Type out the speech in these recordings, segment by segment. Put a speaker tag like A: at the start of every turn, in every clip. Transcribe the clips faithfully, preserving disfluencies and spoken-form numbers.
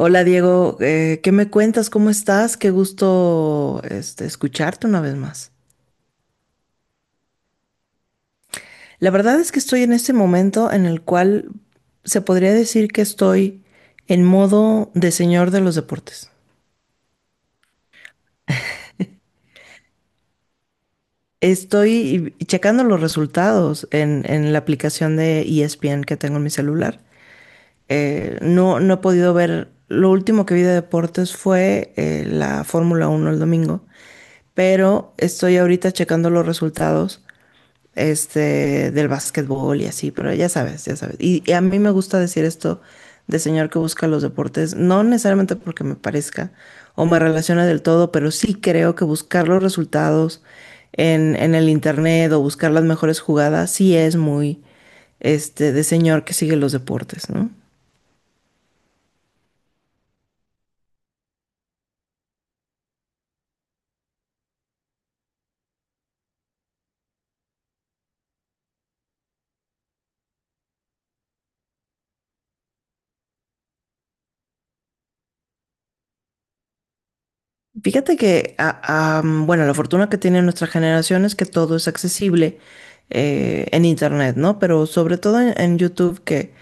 A: Hola Diego, eh, ¿qué me cuentas? ¿Cómo estás? Qué gusto este, escucharte una vez más. La verdad es que estoy en este momento en el cual se podría decir que estoy en modo de señor de los deportes. Estoy checando los resultados en, en la aplicación de E S P N que tengo en mi celular. Eh, no, no he podido ver, lo último que vi de deportes fue eh, la Fórmula Uno el domingo, pero estoy ahorita checando los resultados. Este, del básquetbol y así, pero ya sabes, ya sabes. Y, y a mí me gusta decir esto de señor que busca los deportes, no necesariamente porque me parezca o me relacione del todo, pero sí creo que buscar los resultados en, en el internet o buscar las mejores jugadas sí es muy, este, de señor que sigue los deportes, ¿no? Fíjate que, a- am, bueno, la fortuna que tiene nuestra generación es que todo es accesible eh, en Internet, ¿no? Pero sobre todo en, en YouTube, que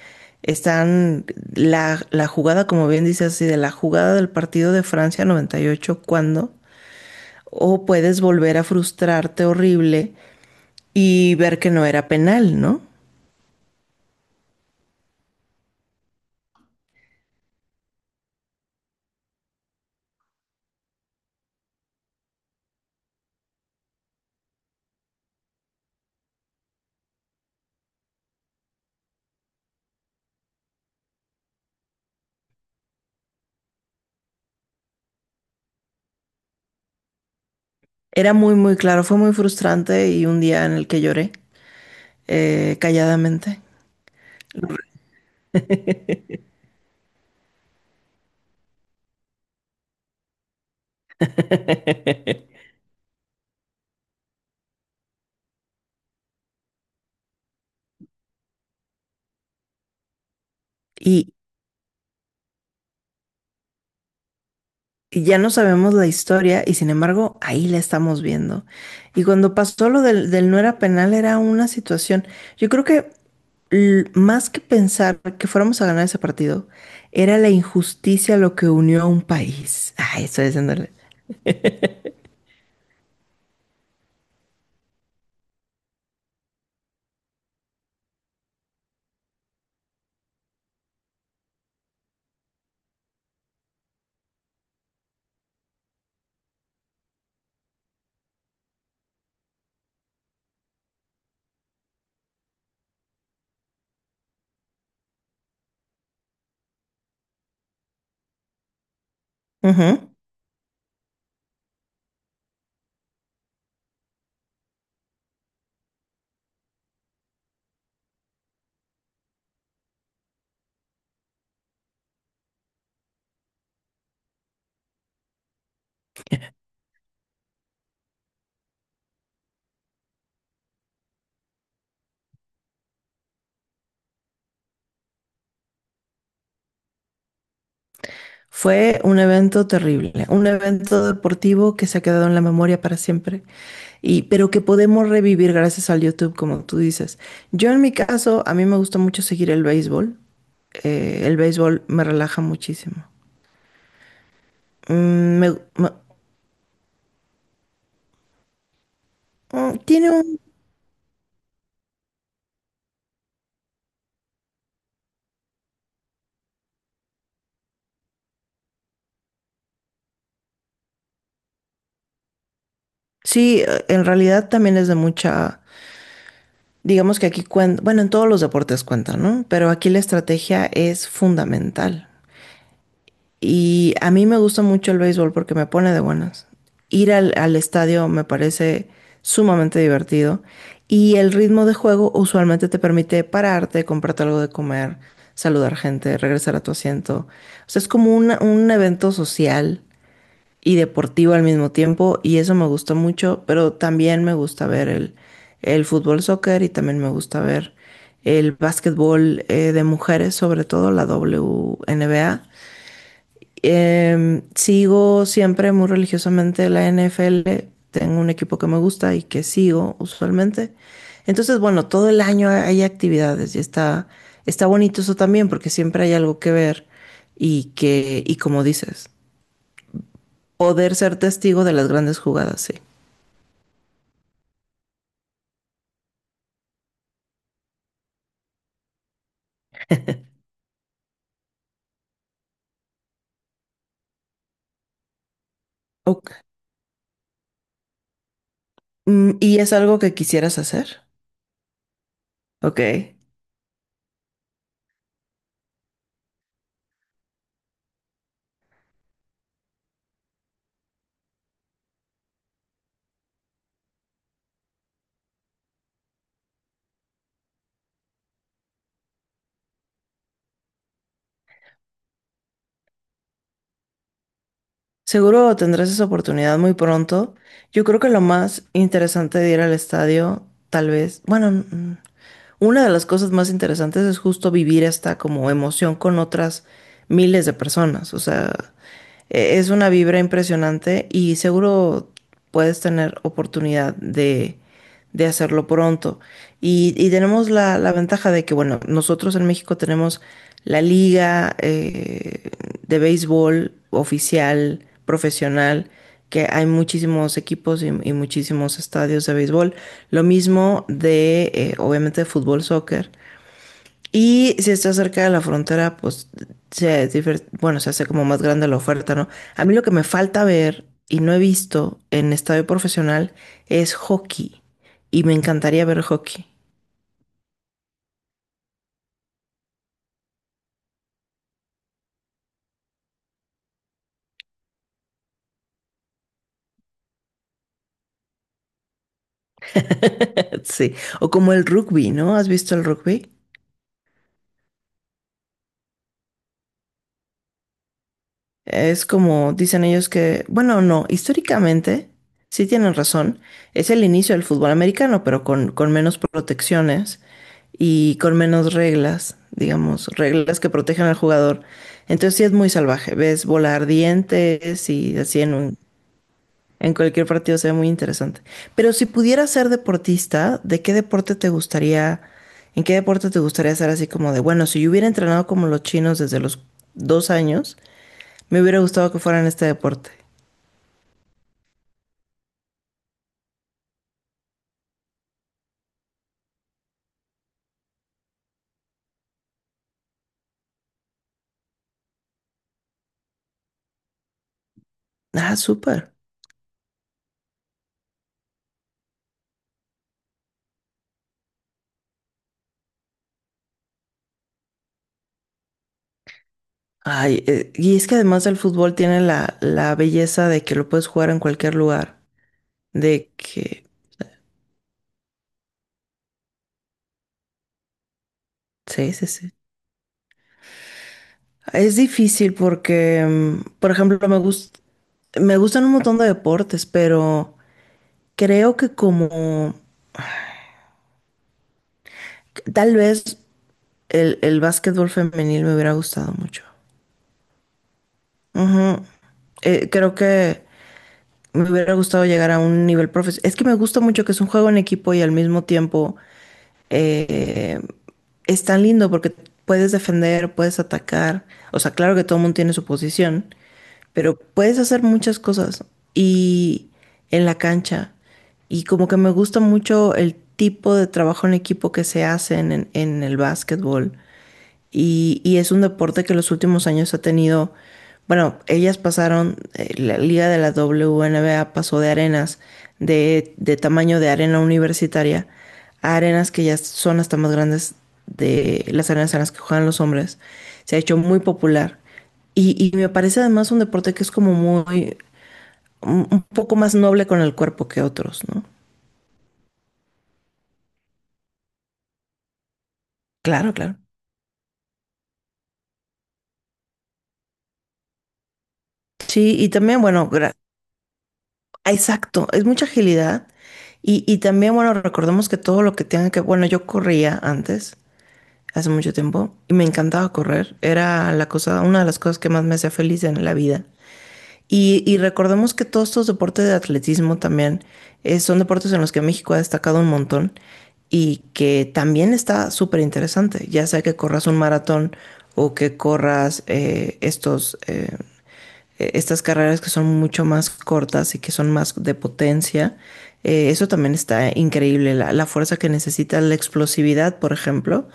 A: están la, la jugada, como bien dice así, de la jugada del partido de Francia noventa y ocho cuando, o puedes volver a frustrarte horrible y ver que no era penal, ¿no? Era muy, muy claro, fue muy frustrante y un día en el que lloré, eh, calladamente. Y, y ya no sabemos la historia y sin embargo ahí la estamos viendo. Y cuando pasó lo del, del no era penal era una situación, yo creo que l- más que pensar que fuéramos a ganar ese partido, era la injusticia lo que unió a un país. Ay, estoy diciéndole. Fue un evento terrible, un evento deportivo que se ha quedado en la memoria para siempre, y, pero que podemos revivir gracias al YouTube, como tú dices. Yo en mi caso, a mí me gusta mucho seguir el béisbol. Eh, el béisbol me relaja muchísimo. Mm, me- me- mm, Tiene un... Sí, eh, en realidad también es de mucha... Digamos que aquí cuenta, bueno, en todos los deportes cuenta, ¿no? Pero aquí la estrategia es fundamental. Y a mí me gusta mucho el béisbol porque me pone de buenas. Ir al, al estadio me parece sumamente divertido y el ritmo de juego usualmente te permite pararte, comprarte algo de comer, saludar gente, regresar a tu asiento. O sea, es como una- un evento social y deportivo al mismo tiempo y eso me gusta mucho, pero también me gusta ver el, el fútbol soccer y también me gusta ver el básquetbol eh, de mujeres, sobre todo la W N B A. Em, sigo siempre muy religiosamente la N F L. Tengo un equipo que me gusta y que sigo usualmente. Entonces, bueno, todo el año hay actividades y está, está bonito eso también porque siempre hay algo que ver y que, y como dices, poder ser testigo de las grandes jugadas, sí. Ok. Mm, ¿y es algo que quisieras hacer? Ok. Seguro tendrás esa oportunidad muy pronto. Yo creo que lo más interesante de ir al estadio, tal vez, bueno, mm, una de las cosas más interesantes es justo vivir esta como emoción con otras miles de personas. O sea, e- es una vibra impresionante y seguro puedes tener oportunidad de de hacerlo pronto. Y, y tenemos la, la ventaja de que, bueno, nosotros en México tenemos la liga, eh, de béisbol oficial, profesional, que hay muchísimos equipos y, y muchísimos estadios de béisbol. Lo mismo de, eh, obviamente, de fútbol, soccer. Y si está cerca de la frontera, pues se, difer- bueno, se hace como más grande la oferta, ¿no? A mí lo que me falta ver y no he visto en estadio profesional es hockey. Y me encantaría ver hockey. Sí. O como el rugby, ¿no? ¿Has visto el rugby? Es como dicen ellos que, bueno, no, históricamente, sí tienen razón, es el inicio del fútbol americano, pero con, con menos protecciones y con menos reglas, digamos, reglas que protegen al jugador. Entonces sí es muy salvaje, ves volar dientes y así en un, en cualquier partido se ve muy interesante. Pero si pudieras ser deportista, ¿de qué deporte te gustaría, en qué deporte te gustaría ser así como de, bueno, si yo hubiera entrenado como los chinos desde los dos años, me hubiera gustado que fuera en este deporte? Ah, súper. Ay, eh, y es que además del fútbol tiene la, la belleza de que lo puedes jugar en cualquier lugar. De que... Sí, sí, sí. Es difícil porque, mm, por ejemplo, me gus- me gustan un montón de deportes, pero creo que como... Tal vez el, el básquetbol femenil me hubiera gustado mucho. Ujú. Eh, creo que me hubiera gustado llegar a un nivel profesional. Es que me gusta mucho que es un juego en equipo y al mismo tiempo, eh, es tan lindo porque puedes defender, puedes atacar. O sea, claro que todo el mundo tiene su posición, pero puedes hacer muchas cosas y en la cancha. Y como que me gusta mucho el tipo de trabajo en equipo que se hace en, en- en el básquetbol. Y, y es un deporte que los últimos años ha tenido, bueno, ellas pasaron, eh, la liga de la W N B A pasó de arenas de, de tamaño de arena universitaria a arenas que ya son hasta más grandes de las arenas en las que juegan los hombres. Se ha hecho muy popular. Y, y me parece además un deporte que es como muy, un un poco más noble con el cuerpo que otros, ¿no? Claro, claro. Sí, y también, bueno, gra- ah, exacto, es mucha agilidad. Y, y también, bueno, recordemos que todo lo que tenga que, bueno, yo corría antes, hace mucho tiempo y me encantaba correr. Era la cosa, una de las cosas que más me hacía feliz en la vida. Y, y recordemos que todos estos deportes de atletismo también, eh, son deportes en los que México ha destacado un montón y que también está súper interesante, ya sea que corras un maratón o que corras eh, estos, eh, eh, estas carreras que son mucho más cortas y que son más de potencia. Eh, eso también está increíble, la, la, fuerza que necesitas, la explosividad, por ejemplo.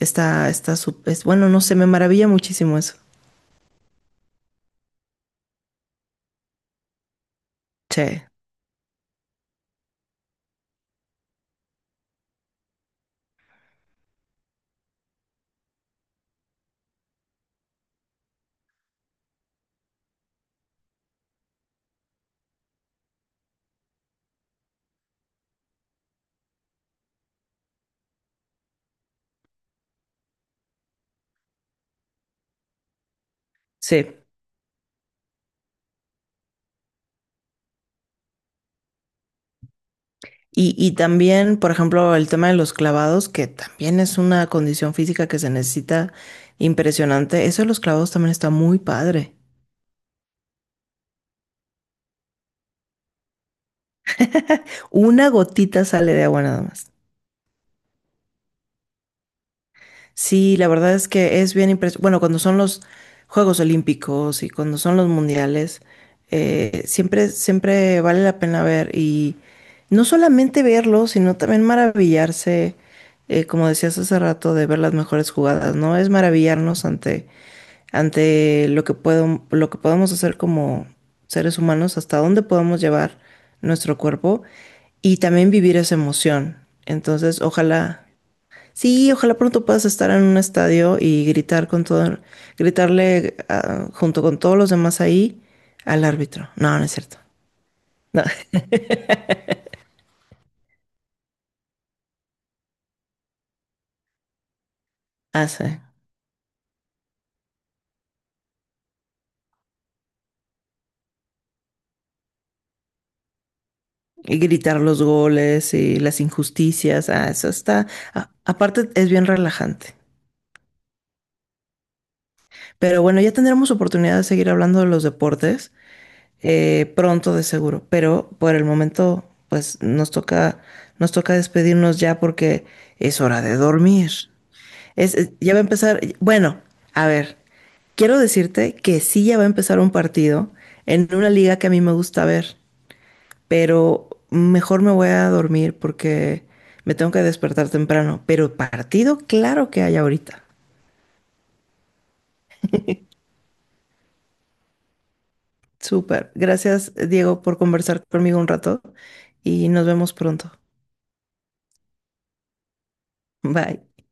A: Está, está, sup- es bueno, no sé, me maravilla muchísimo eso. Sí, sí. Y, y también, por ejemplo, el tema de los clavados, que también es una condición física que se necesita impresionante. Eso de los clavados también está muy padre. Una gotita sale de agua nada más. Sí, la verdad es que es bien impresionante. Bueno, cuando son los Juegos Olímpicos y cuando son los mundiales, eh, siempre, siempre vale la pena ver y no solamente verlo, sino también maravillarse, eh, como decías hace rato, de ver las mejores jugadas, ¿no? Es maravillarnos ante, ante lo que puedo, lo que podemos hacer como seres humanos, hasta dónde podemos llevar nuestro cuerpo y también vivir esa emoción. Entonces, ojalá. Sí, ojalá pronto puedas estar en un estadio y gritar con todo, gritarle ah, junto con todos los demás ahí al árbitro. No, no es cierto. No, ah, sí. Y gritar los goles y las injusticias. Ah, eso está. a- aparte, es bien relajante. Pero bueno, ya tendremos oportunidad de seguir hablando de los deportes, eh, pronto, de seguro. Pero por el momento, pues nos toca, nos toca despedirnos ya porque es hora de dormir. Es, es- ya va a empezar, bueno, a ver, quiero decirte que sí, ya va a empezar un partido en una liga que a mí me gusta ver, pero mejor me voy a dormir porque me tengo que despertar temprano, pero partido claro que hay ahorita. Súper. Gracias, Diego, por conversar conmigo un rato y nos vemos pronto. Bye.